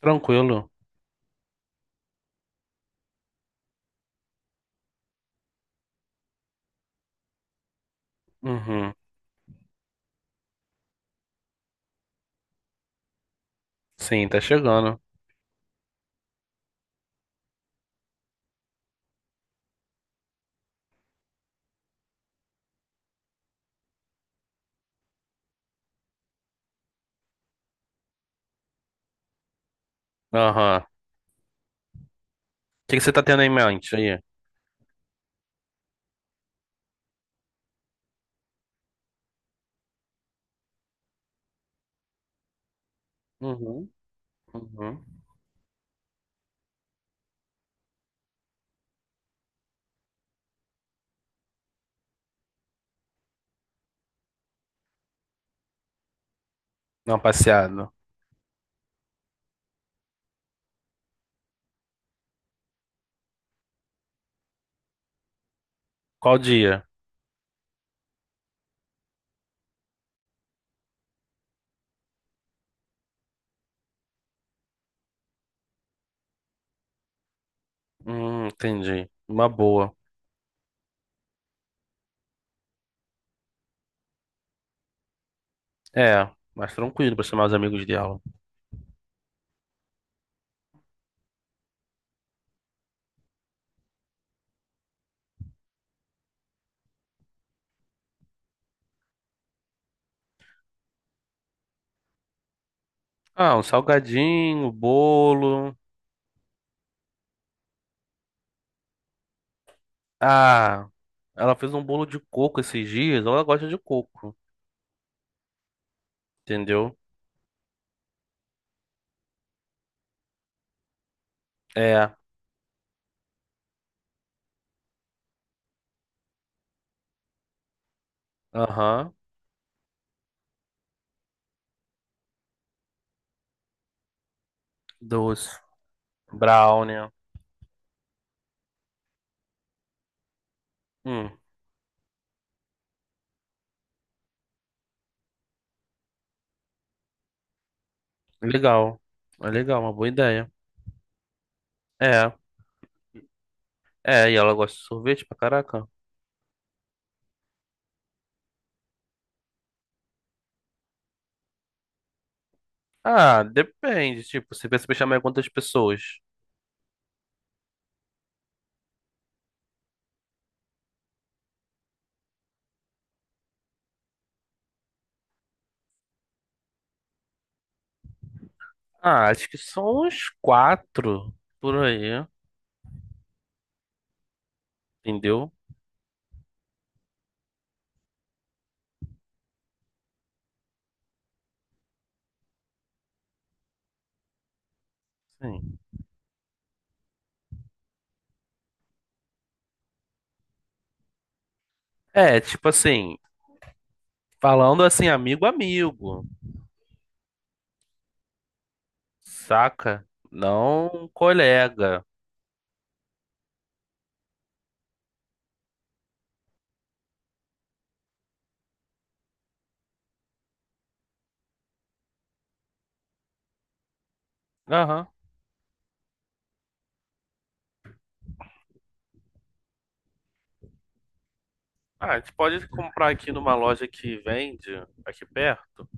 Tranquilo. Uhum. Sim, tá chegando. Aham. O que que você tá tendo em mente aí? Uhum. Uhum. Não, passeado. Qual dia? Entendi. Uma boa. É, mais tranquilo pra chamar os amigos dela. Ah, um salgadinho, um bolo. Ah, ela fez um bolo de coco esses dias. Ela gosta de coco, entendeu? É, aham, doce, brownie. Hum, legal. É legal, uma boa ideia. É, é, e ela gosta de sorvete pra caraca. Ah, depende, tipo, você pensa em chamar quantas pessoas? Ah, acho que são uns quatro por aí, entendeu? Sim. É, tipo assim, falando assim, amigo, amigo, saca? Não colega. Aham. Ah, a gente pode comprar aqui numa loja que vende aqui perto.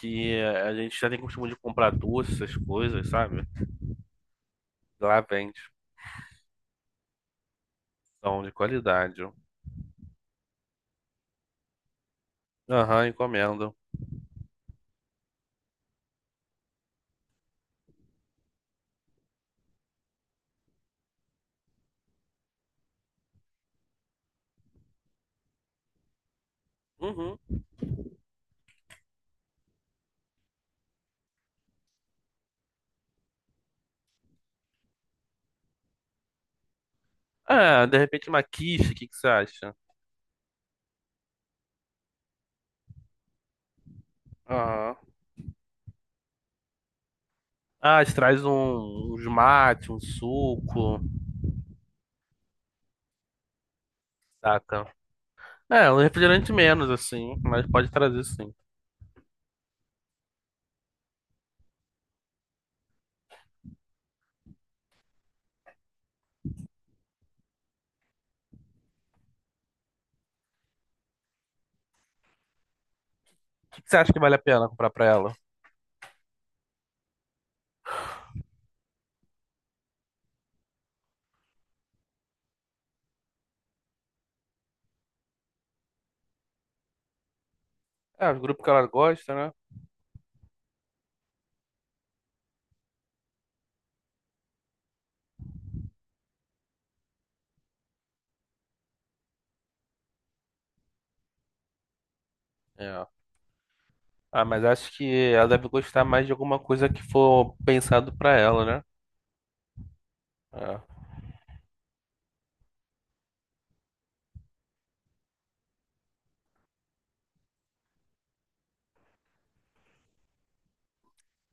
Que a gente já tem costume de comprar doce, essas coisas, sabe? Lá vende. São de qualidade. Aham, encomenda. Uhum. Ah, de repente uma quiche, o que que você acha? Aham. Ah, te traz um, uns mate, um suco, saca? É, um refrigerante menos, assim, mas pode trazer sim. O que que você acha que vale a pena comprar pra ela? É, o grupo que ela gosta, né? É. Ah, mas acho que ela deve gostar mais de alguma coisa que for pensado pra ela, né? É.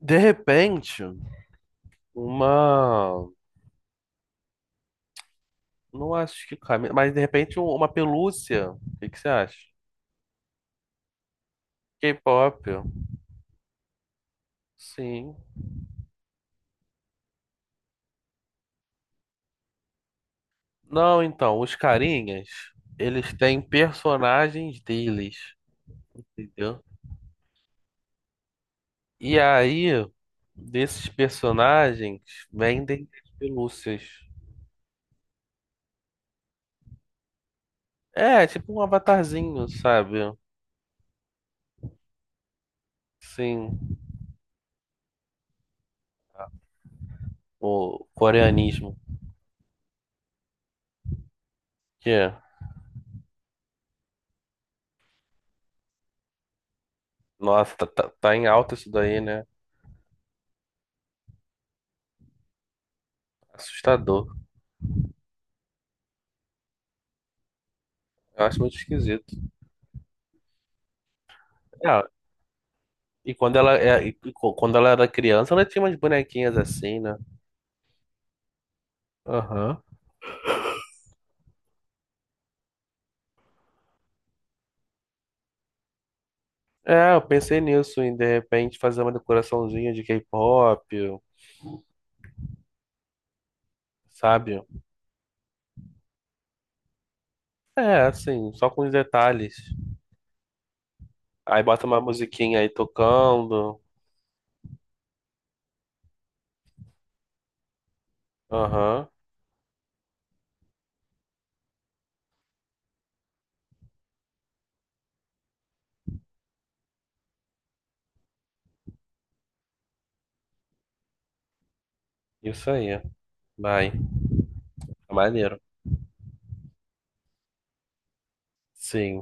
De repente. Uma. Não acho que cabe. Mas de repente um- uma pelúcia. O que que você acha? K-pop. Sim. Não, então, os carinhas, eles têm personagens deles, entendeu? E aí, desses personagens, vendem as pelúcias. É, tipo um avatarzinho, sabe? Sim, o coreanismo. Que é. Nossa, tá em alta isso daí, né? Assustador. Eu acho muito esquisito. É, e quando ela, é, quando ela era criança, ela tinha umas bonequinhas assim, né? Aham. É, eu pensei nisso, em de repente fazer uma decoraçãozinha de K-pop, sabe? É, assim, só com os detalhes. Aí bota uma musiquinha aí tocando. Aham. Isso aí. Vai. Tá maneiro. Sim.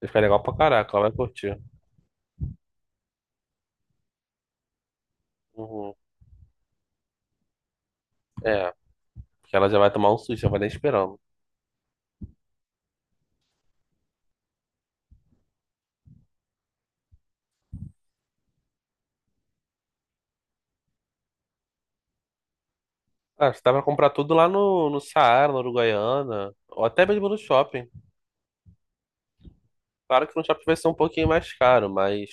Vai ficar legal pra caraca, ela vai curtir. Uhum. É, porque ela já vai tomar um susto, já vai nem esperando. Ah, você dá pra comprar tudo lá no Saara, na Uruguaiana, ou até mesmo no shopping. Claro que no shopping vai ser um pouquinho mais caro, mas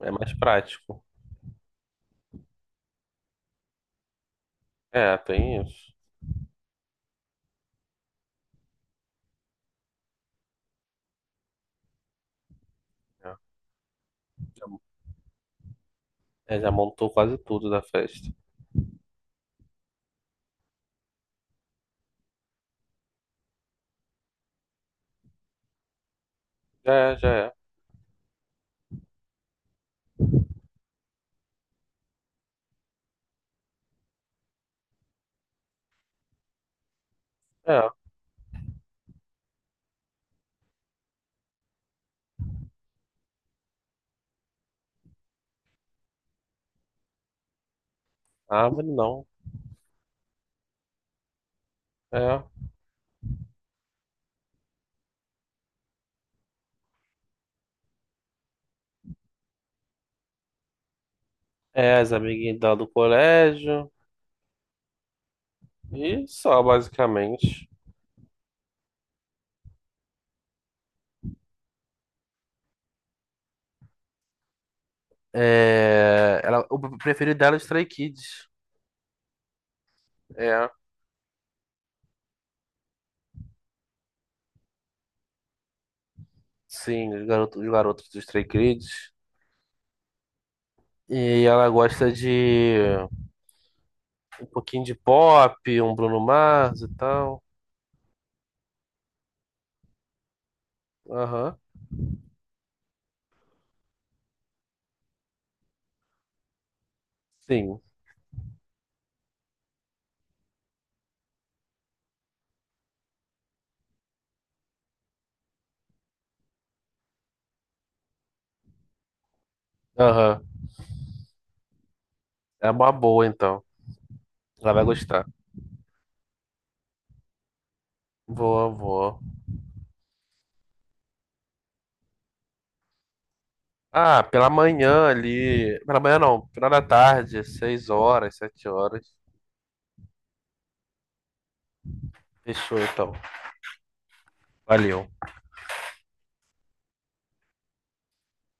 é mais prático. É, tem isso. É, já montou quase tudo da festa. Já é. É, árvore não. É. É, as amiguinhas dela do colégio. E só, basicamente. É, ela, o preferido dela é os Stray Kids. É, sim, os garotos dos Stray Kids. E ela gosta de um pouquinho de pop, um Bruno Mars e tal. Aham, sim. Aham. É uma boa, então. Ela vai gostar. Boa, boa. Ah, pela manhã ali. Pela manhã não, final da tarde, 6 horas, 7 horas. Fechou, então. Valeu.